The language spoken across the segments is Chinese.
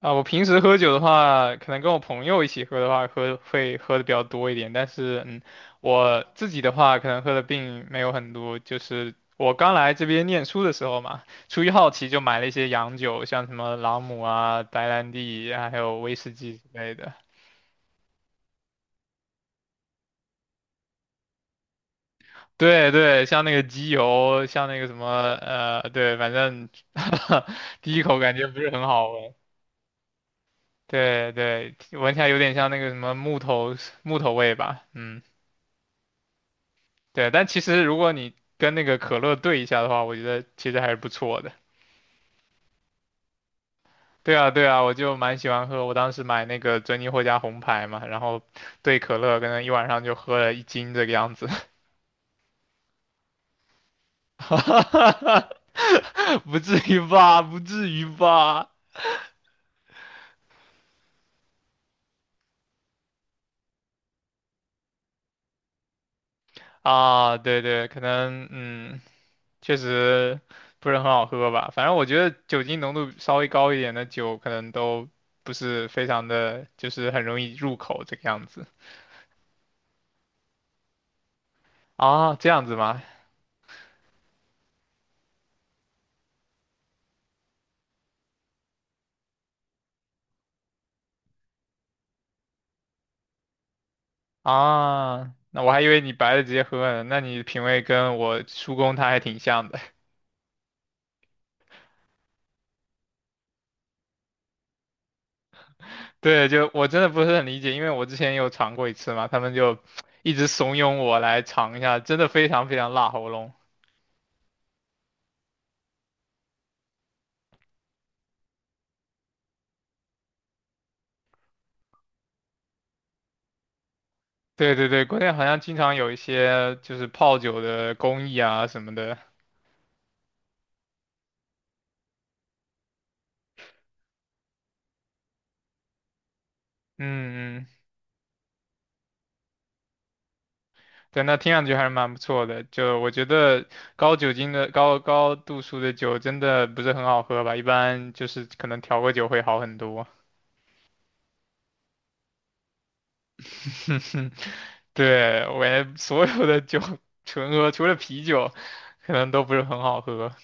啊，我平时喝酒的话，可能跟我朋友一起喝的话，会喝的比较多一点。但是，我自己的话，可能喝的并没有很多。就是我刚来这边念书的时候嘛，出于好奇就买了一些洋酒，像什么朗姆啊、白兰地啊，还有威士忌之类的。对对，像那个机油，像那个什么，对，反正 第一口感觉不是很好闻。对对，闻起来有点像那个什么木头味吧，嗯。对，但其实如果你跟那个可乐兑一下的话，我觉得其实还是不错的。对啊，对啊，我就蛮喜欢喝。我当时买那个珍妮获加红牌嘛，然后兑可乐，可能一晚上就喝了1斤这个样子。不至于吧？不至于吧？啊，对对，可能确实不是很好喝吧。反正我觉得酒精浓度稍微高一点的酒，可能都不是非常的，就是很容易入口这个样子。啊，这样子吗？啊，那我还以为你白的直接喝呢，那你品味跟我叔公他还挺像的。对，就我真的不是很理解，因为我之前有尝过一次嘛，他们就 一直怂恿我来尝一下，真的非常非常辣喉咙。对对对，国内好像经常有一些就是泡酒的工艺啊什么的。嗯嗯，对，那听上去还是蛮不错的。就我觉得高酒精的、高度数的酒真的不是很好喝吧，一般就是可能调个酒会好很多。哼哼，对，我也 所有的酒 纯喝，除了啤酒，可能都不是很好喝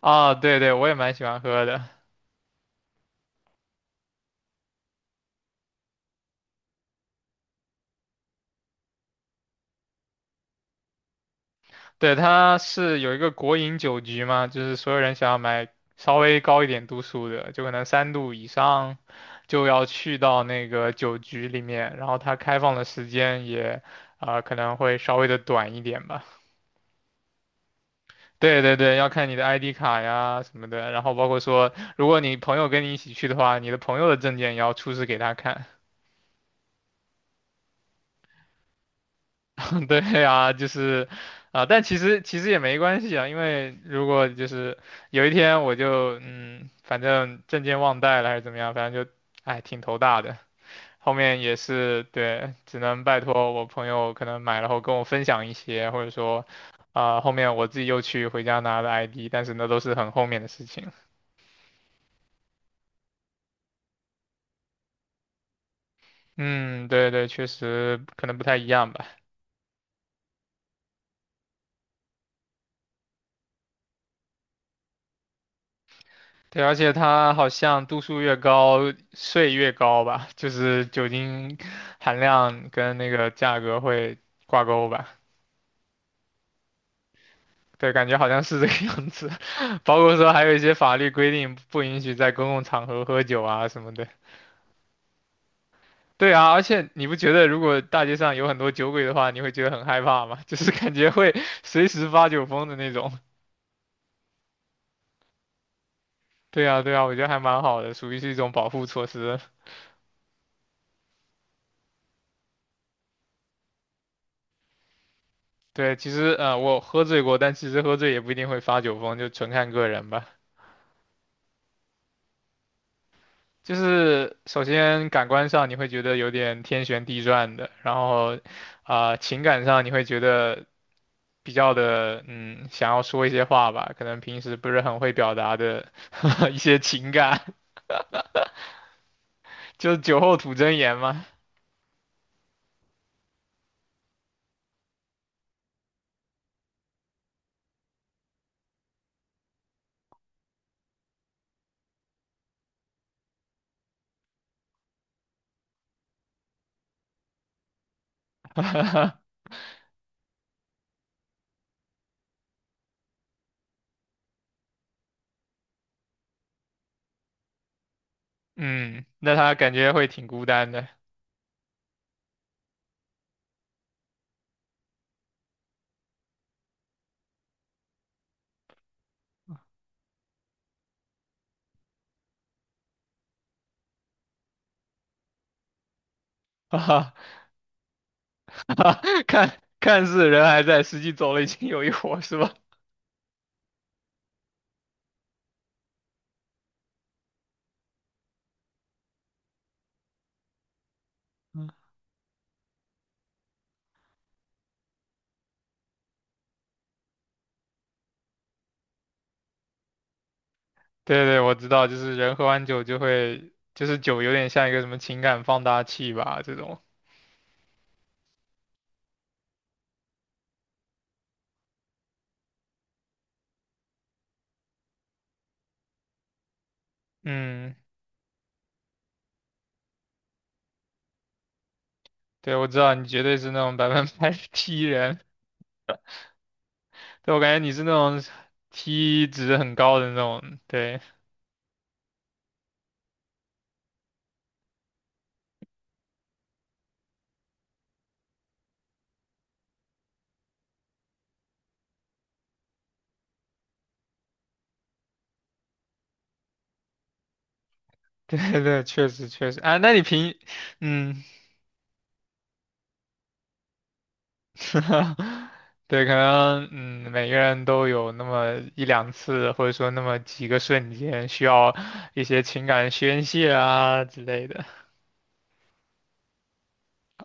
啊。对对，我也蛮喜欢喝的。对，它是有一个国营酒局嘛，就是所有人想要买稍微高一点度数的，就可能3度以上，就要去到那个酒局里面。然后它开放的时间也，啊可能会稍微的短一点吧。对对对，要看你的 ID 卡呀什么的，然后包括说，如果你朋友跟你一起去的话，你的朋友的证件也要出示给他看。对呀，就是，啊、但其实也没关系啊，因为如果就是有一天我就反正证件忘带了还是怎么样，反正就，哎，挺头大的。后面也是对，只能拜托我朋友可能买了后跟我分享一些，或者说，啊、后面我自己又去回家拿了 ID，但是那都是很后面的事情。嗯，对对，确实可能不太一样吧。对，而且它好像度数越高，税越高吧，就是酒精含量跟那个价格会挂钩吧。对，感觉好像是这个样子。包括说还有一些法律规定不允许在公共场合喝酒啊什么的。对啊，而且你不觉得如果大街上有很多酒鬼的话，你会觉得很害怕吗？就是感觉会随时发酒疯的那种。对啊，对啊，我觉得还蛮好的，属于是一种保护措施。对，其实我喝醉过，但其实喝醉也不一定会发酒疯，就纯看个人吧。就是首先感官上你会觉得有点天旋地转的，然后啊、情感上你会觉得比较的想要说一些话吧，可能平时不是很会表达的 一些情感，就是酒后吐真言嘛。嗯，那他感觉会挺孤单的，哈哈看看似人还在，实际走了已经有一伙，是吧？对对，我知道，就是人喝完酒就会，就是酒有点像一个什么情感放大器吧，这种。嗯，对，我知道你绝对是那种百分百 T 人，对，我感觉你是那种 T 值很高的那种。对，对对对，确实确实。啊，那你平，嗯，对，可能每个人都有那么一两次，或者说那么几个瞬间需要一些情感宣泄啊之类的。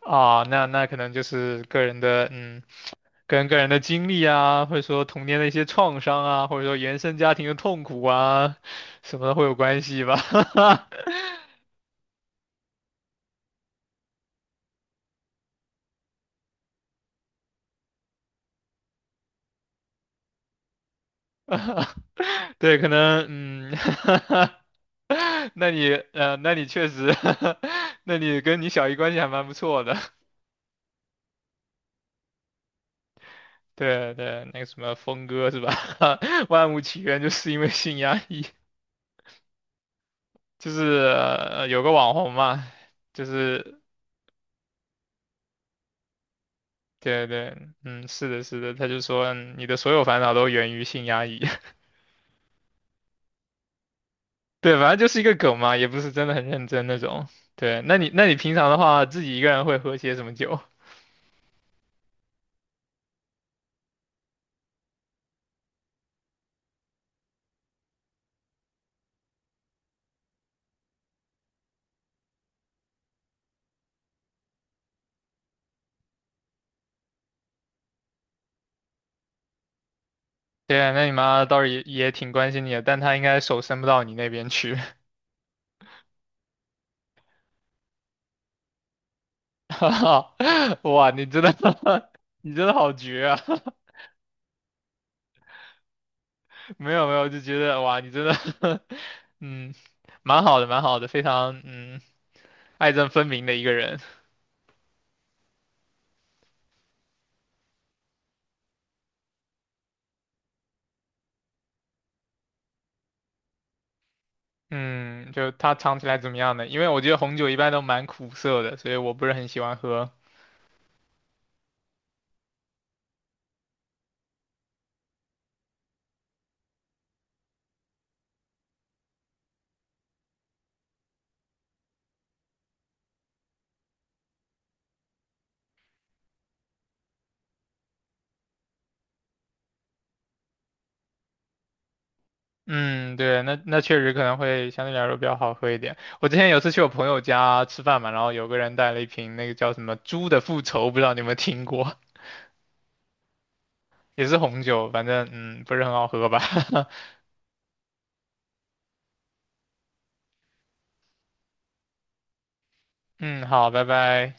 啊，那可能就是个人的。跟个人的经历啊，或者说童年的一些创伤啊，或者说原生家庭的痛苦啊，什么的会有关系吧？对，可能嗯，那你确实，那你跟你小姨关系还蛮不错的。对对，那个什么峰哥是吧？万物起源就是因为性压抑，就是有个网红嘛，就是对对，嗯，是的，是的，他就说你的所有烦恼都源于性压抑。对，反正就是一个梗嘛，也不是真的很认真那种。对，那你平常的话，自己一个人会喝些什么酒？对啊，那你妈倒是也挺关心你的，但她应该手伸不到你那边去。哇，你真的，你真的好绝啊！没有没有，就觉得哇，你真的，嗯，蛮好的，蛮好的，非常爱憎分明的一个人。嗯，就它尝起来怎么样呢？因为我觉得红酒一般都蛮苦涩的，所以我不是很喜欢喝。嗯，对，那确实可能会相对来说比较好喝一点。我之前有次去我朋友家吃饭嘛，然后有个人带了一瓶那个叫什么“猪的复仇”，不知道你有没有听过，也是红酒，反正不是很好喝吧。嗯，好，拜拜。